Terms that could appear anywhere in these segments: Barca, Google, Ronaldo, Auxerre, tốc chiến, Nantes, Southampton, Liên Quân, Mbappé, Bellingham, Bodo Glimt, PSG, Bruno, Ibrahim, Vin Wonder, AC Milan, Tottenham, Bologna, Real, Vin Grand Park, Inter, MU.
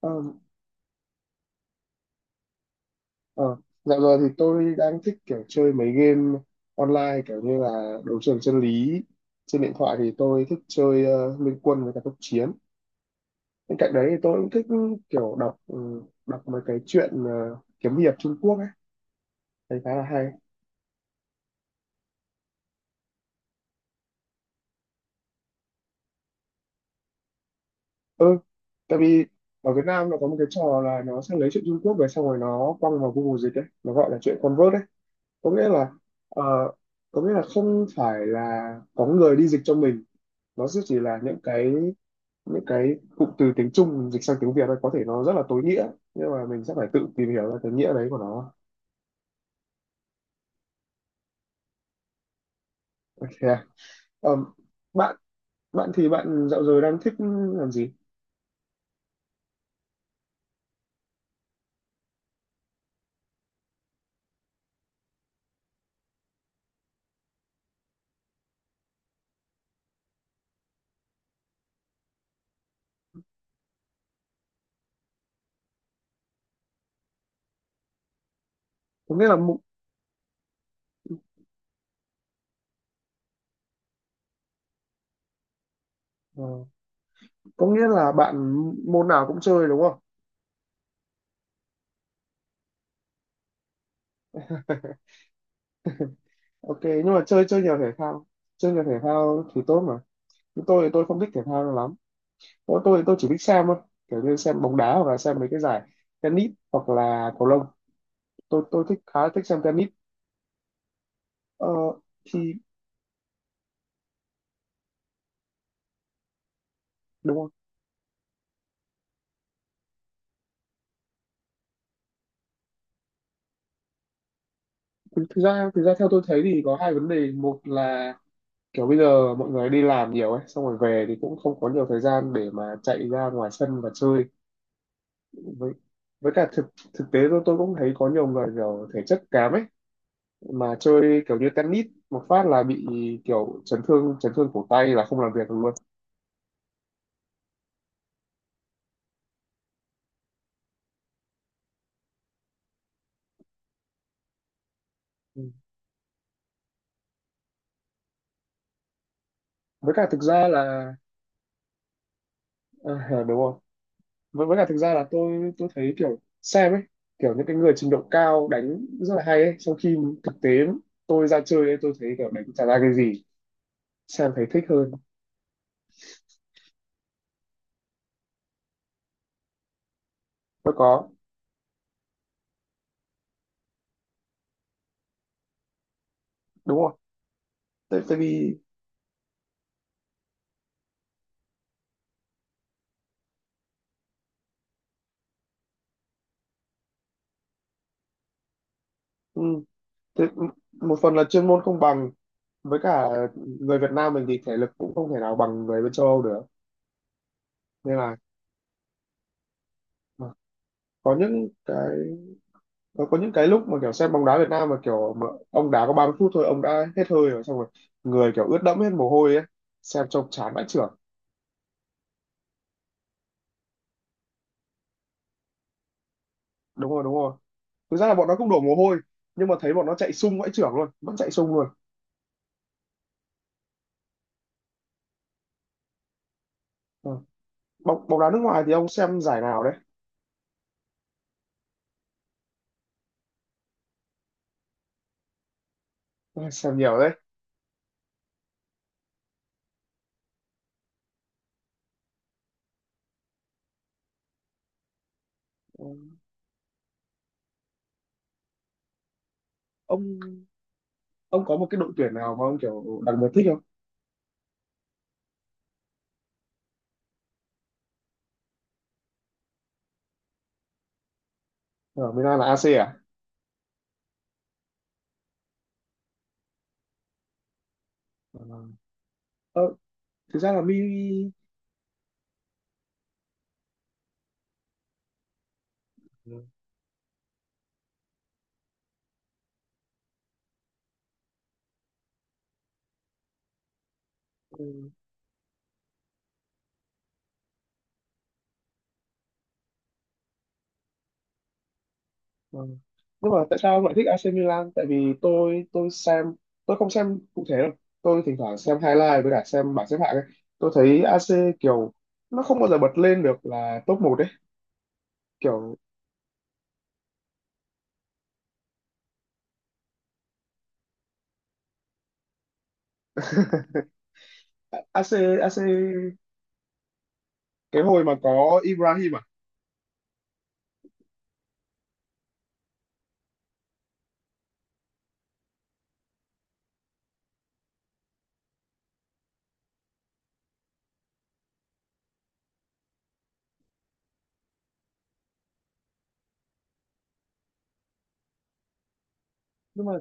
Ờ, ờ. Dạo giờ thì tôi đang thích kiểu chơi mấy game online kiểu như là đấu trường chân lý, trên điện thoại thì tôi thích chơi Liên Quân với cả tốc chiến. Bên cạnh đấy thì tôi cũng thích kiểu đọc đọc mấy cái truyện kiếm hiệp Trung Quốc ấy, thấy khá là hay. Ừ, tại vì ở Việt Nam nó có một cái trò là nó sẽ lấy truyện Trung Quốc về xong rồi nó quăng vào Google dịch ấy, nó gọi là truyện convert đấy. Có nghĩa là ờ, có nghĩa là không phải là có người đi dịch cho mình, nó sẽ chỉ là những cái cụm từ tiếng Trung mình dịch sang tiếng Việt ấy, có thể nó rất là tối nghĩa, nhưng mà mình sẽ phải tự tìm hiểu ra cái nghĩa đấy của nó. Ok. Ờm, bạn bạn thì bạn dạo giờ đang thích làm gì? Có nghĩa là ờ, có nghĩa là bạn môn nào cũng chơi đúng không? Ok, nhưng mà chơi chơi nhiều thể thao, chơi nhiều thể thao thì tốt mà. Nhưng tôi thì tôi không thích thể thao lắm, tôi thì tôi chỉ thích xem thôi, kiểu như xem bóng đá hoặc là xem mấy cái giải tennis hoặc là cầu lông. Tôi thích, khá là thích xem tennis. ờ, thì đúng rồi. Thực thực ra thực ra theo tôi thấy thì có hai vấn đề. Một là kiểu bây giờ mọi người đi làm nhiều ấy, xong rồi về thì cũng không có nhiều thời gian để mà chạy ra ngoài sân và chơi. Với với cả thực thực tế tôi cũng thấy có nhiều người kiểu thể chất kém ấy, mà chơi kiểu như tennis một phát là bị kiểu chấn thương. Chấn thương cổ tay là không làm việc được luôn. Ừ, với cả thực ra là ờ, đúng rồi. Với cả thực ra là tôi thấy kiểu xem ấy, kiểu những cái người trình độ cao đánh rất là hay ấy, trong khi thực tế tôi ra chơi ấy, tôi thấy kiểu đánh chả ra cái gì. Xem thấy thích hơn. Mới có đúng rồi. Tại vì ừ, thế, một phần là chuyên môn không bằng, với cả người Việt Nam mình thì thể lực cũng không thể nào bằng người bên châu Âu được. Nên là mà có những cái, có những cái lúc mà kiểu xem bóng đá Việt Nam mà kiểu mà ông đá có 30 phút thôi ông đã hết hơi rồi, xong rồi người kiểu ướt đẫm hết mồ hôi ấy, xem trông chán vãi chưởng. Đúng rồi, đúng rồi, thực ra là bọn nó cũng đổ mồ hôi, nhưng mà thấy bọn nó chạy sung vãi chưởng luôn, vẫn chạy sung luôn. Ừ. bóng bóng đá nước ngoài thì ông xem giải nào đấy? Ừ, xem nhiều đấy. Ừ. ông ông có một cái đội tuyển nào mà ông kiểu đặc biệt thích không? Ở Milan là AC à? Ừ. Ờ, thực ra là mi. Ừ. ừ, ừ. Nhưng mà tại sao ông lại thích AC Milan? Tại vì tôi xem, tôi không xem cụ thể đâu, tôi thỉnh thoảng xem highlight với cả xem bảng xếp hạng ấy. Tôi thấy AC kiểu nó không bao giờ bật lên được là top một đấy, kiểu AC AC cái hồi mà có Ibrahim à? nhưng mà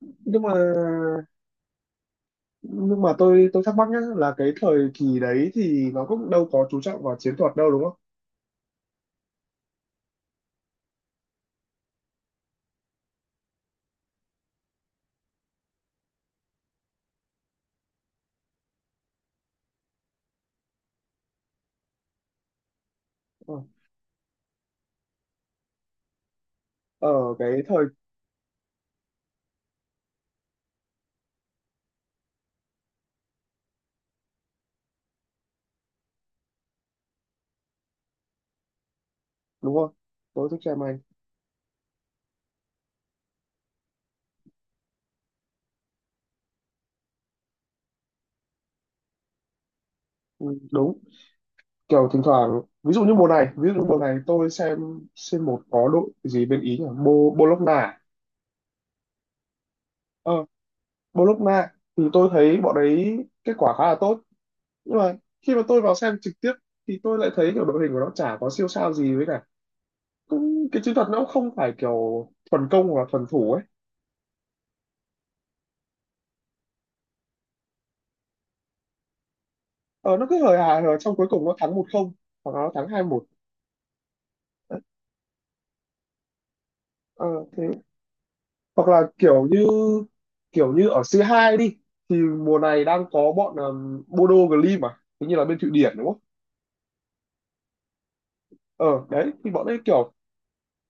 nhưng mà nhưng mà tôi thắc mắc nhá, là cái thời kỳ đấy thì nó cũng đâu có chú trọng vào chiến thuật đâu đúng không? Ờ, ở cái thời, đúng không, tôi thích xem Anh. Ừ, đúng. Kiểu thỉnh thoảng ví dụ như mùa này, ví dụ như mùa này tôi xem một có đội gì bên Ý nhỉ, Bologna. Ờ, Bologna thì tôi thấy bọn đấy kết quả khá là tốt, nhưng mà khi mà tôi vào xem trực tiếp thì tôi lại thấy kiểu đội hình của nó chả có siêu sao gì, với cả cũng cái chiến thuật nó cũng không phải kiểu thuần công và thuần thủ ấy. Ờ, nó cứ hời hà hời trong cuối cùng nó thắng một không, hoặc là nó thắng hai một. ờ, ờ, Thế, hoặc là kiểu như, kiểu như ở C2 đi, thì mùa này đang có bọn Bodo Glimt mà, hình như là bên Thụy Điển đúng không? Ờ đấy, thì bọn ấy kiểu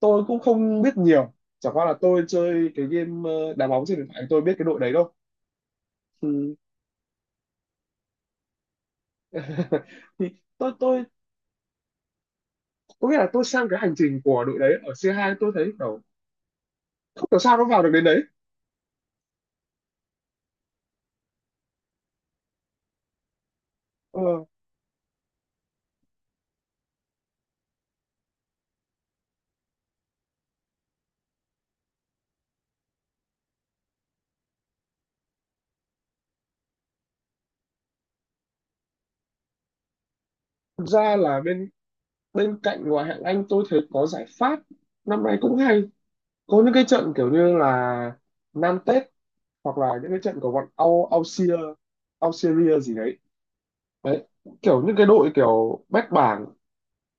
tôi cũng không biết nhiều, chẳng qua là tôi chơi cái game đá bóng trên điện thoại tôi biết cái đội đấy đâu. Thì, thì tôi có nghĩa là tôi sang cái hành trình của đội đấy ở C2, tôi thấy kiểu không hiểu sao nó vào được đến đấy. Ờ, thật ra là bên, bên cạnh ngoại hạng Anh tôi thấy có giải Pháp năm nay cũng hay, có những cái trận kiểu như là Nantes, hoặc là những cái trận của bọn Auxerre, Auxerre gì đấy. Đấy, kiểu những cái đội kiểu bét bảng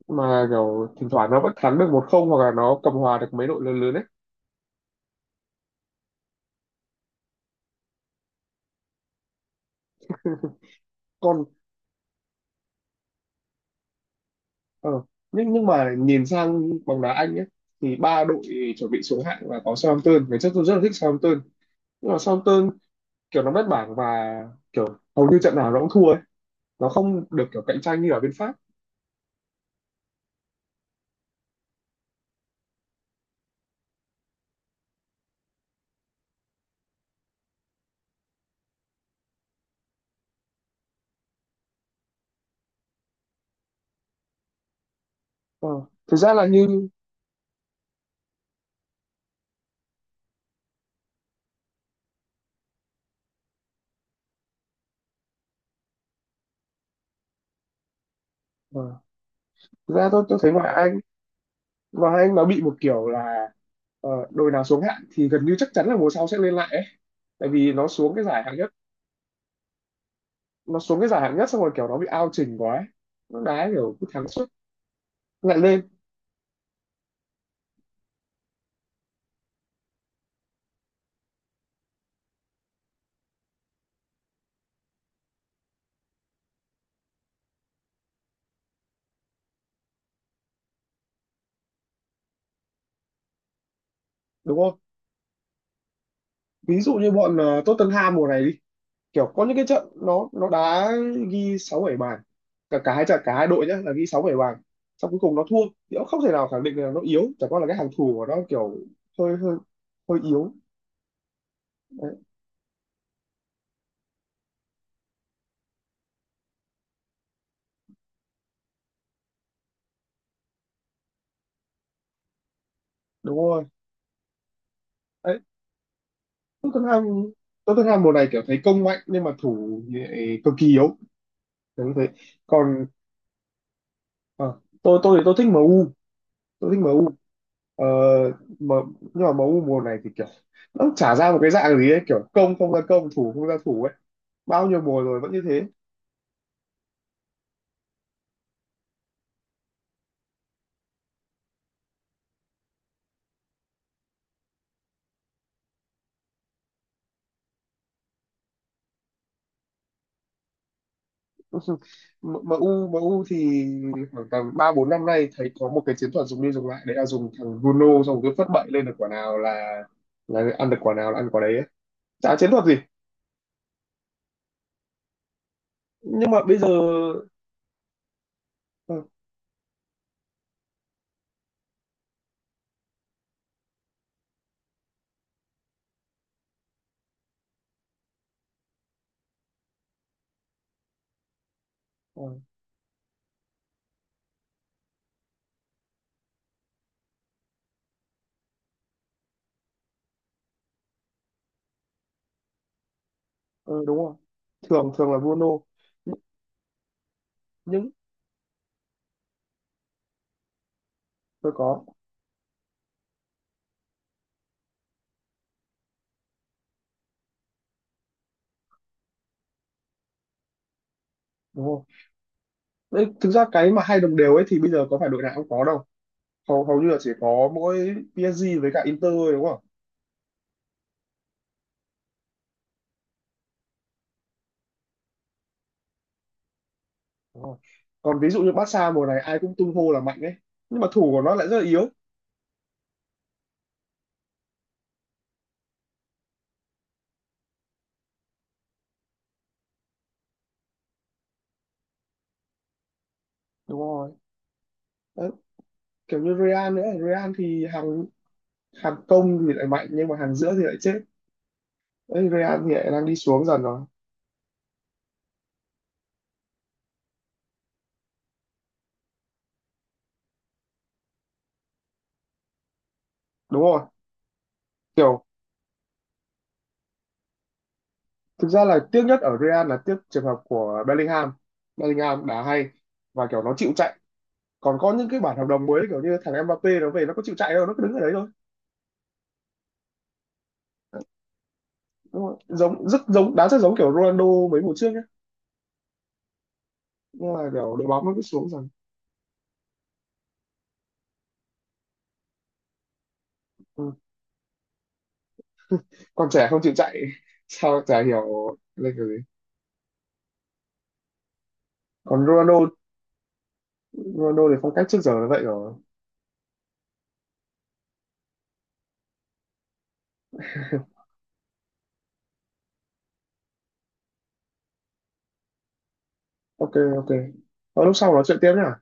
mà kiểu thỉnh thoảng nó vẫn thắng được một không, hoặc là nó cầm hòa được mấy đội lớn lớn ấy. Còn ờ, nhưng mà nhìn sang bóng đá Anh ấy, thì ba đội chuẩn bị xuống hạng là có Southampton. Ngày trước tôi rất là thích Southampton, nhưng mà Southampton kiểu nó bét bảng, và kiểu hầu như trận nào nó cũng thua, nó không được kiểu cạnh tranh như ở bên Pháp. Ờ, thực ra là như, ờ, thực ra tôi thấy ngoại Anh, ngoại Anh nó bị một kiểu là đội nào xuống hạng thì gần như chắc chắn là mùa sau sẽ lên lại ấy. Tại vì nó xuống cái giải hạng nhất, nó xuống cái giải hạng nhất xong rồi kiểu nó bị ao chỉnh quá ấy. Nó đá kiểu cứ thắng suốt lại lên. Đúng không, ví dụ như bọn Tottenham mùa này đi, kiểu có những cái trận nó đá ghi sáu bảy bàn, cả, cả hai trận, cả hai đội nhá, là ghi sáu bảy bàn, xong cuối cùng nó thua. Thì cũng không thể nào khẳng định là nó yếu, chẳng qua là cái hàng thủ của nó kiểu hơi, hơi yếu đấy, đúng rồi. Đấy, Tottenham, Tottenham mùa này kiểu thấy công mạnh nhưng mà thủ thì lại cực kỳ yếu, đúng thế. Còn ờ, tôi thì tôi thích MU, tôi thích MU. ờ, mà, nhưng mà MU mùa này thì kiểu nó chả ra một cái dạng gì ấy, kiểu công không ra công thủ không ra thủ ấy, bao nhiêu mùa rồi vẫn như thế. M- MU MU thì khoảng tầm 3 4 năm nay thấy có một cái chiến thuật dùng đi dùng lại, đấy là dùng thằng Bruno xong cứ phất bậy lên được quả nào là, ăn được quả nào là ăn quả đấy ấy. Chả chiến thuật gì. Nhưng mà bây giờ ừ, ừ, ừ, đúng rồi, thường thường là Bruno. Nh- nhưng tôi có, đúng không? Đấy, thực ra cái mà hai đồng đều ấy thì bây giờ có phải đội nào cũng có đâu, hầu hầu như là chỉ có mỗi PSG với cả Inter thôi, đúng không? Đúng rồi. Còn ví dụ như Barca mùa này ai cũng tung hô là mạnh ấy, nhưng mà thủ của nó lại rất là yếu, đúng rồi. Đấy, kiểu như Real nữa, Real thì hàng, hàng công thì lại mạnh nhưng mà hàng giữa thì lại chết. Đấy, Real thì lại đang đi xuống dần rồi, đúng rồi. Kiểu thực ra là tiếc nhất ở Real là tiếc trường hợp của Bellingham, Bellingham đá hay và kiểu nó chịu chạy. Còn có những cái bản hợp đồng mới kiểu như thằng Mbappé nó về nó có chịu chạy đâu, nó cứ đứng ở đấy thôi, đúng rồi. Giống, rất giống, đá rất giống kiểu Ronaldo mấy mùa trước nhá, nhưng mà kiểu đội bóng nó cứ xuống dần. Ừ. Còn trẻ không chịu chạy sao chả hiểu, lên kiểu gì. Còn Ronaldo, Ronaldo thì phong cách trước giờ là vậy rồi. Ok, ok, ờ, lúc sau nói chuyện tiếp nhá.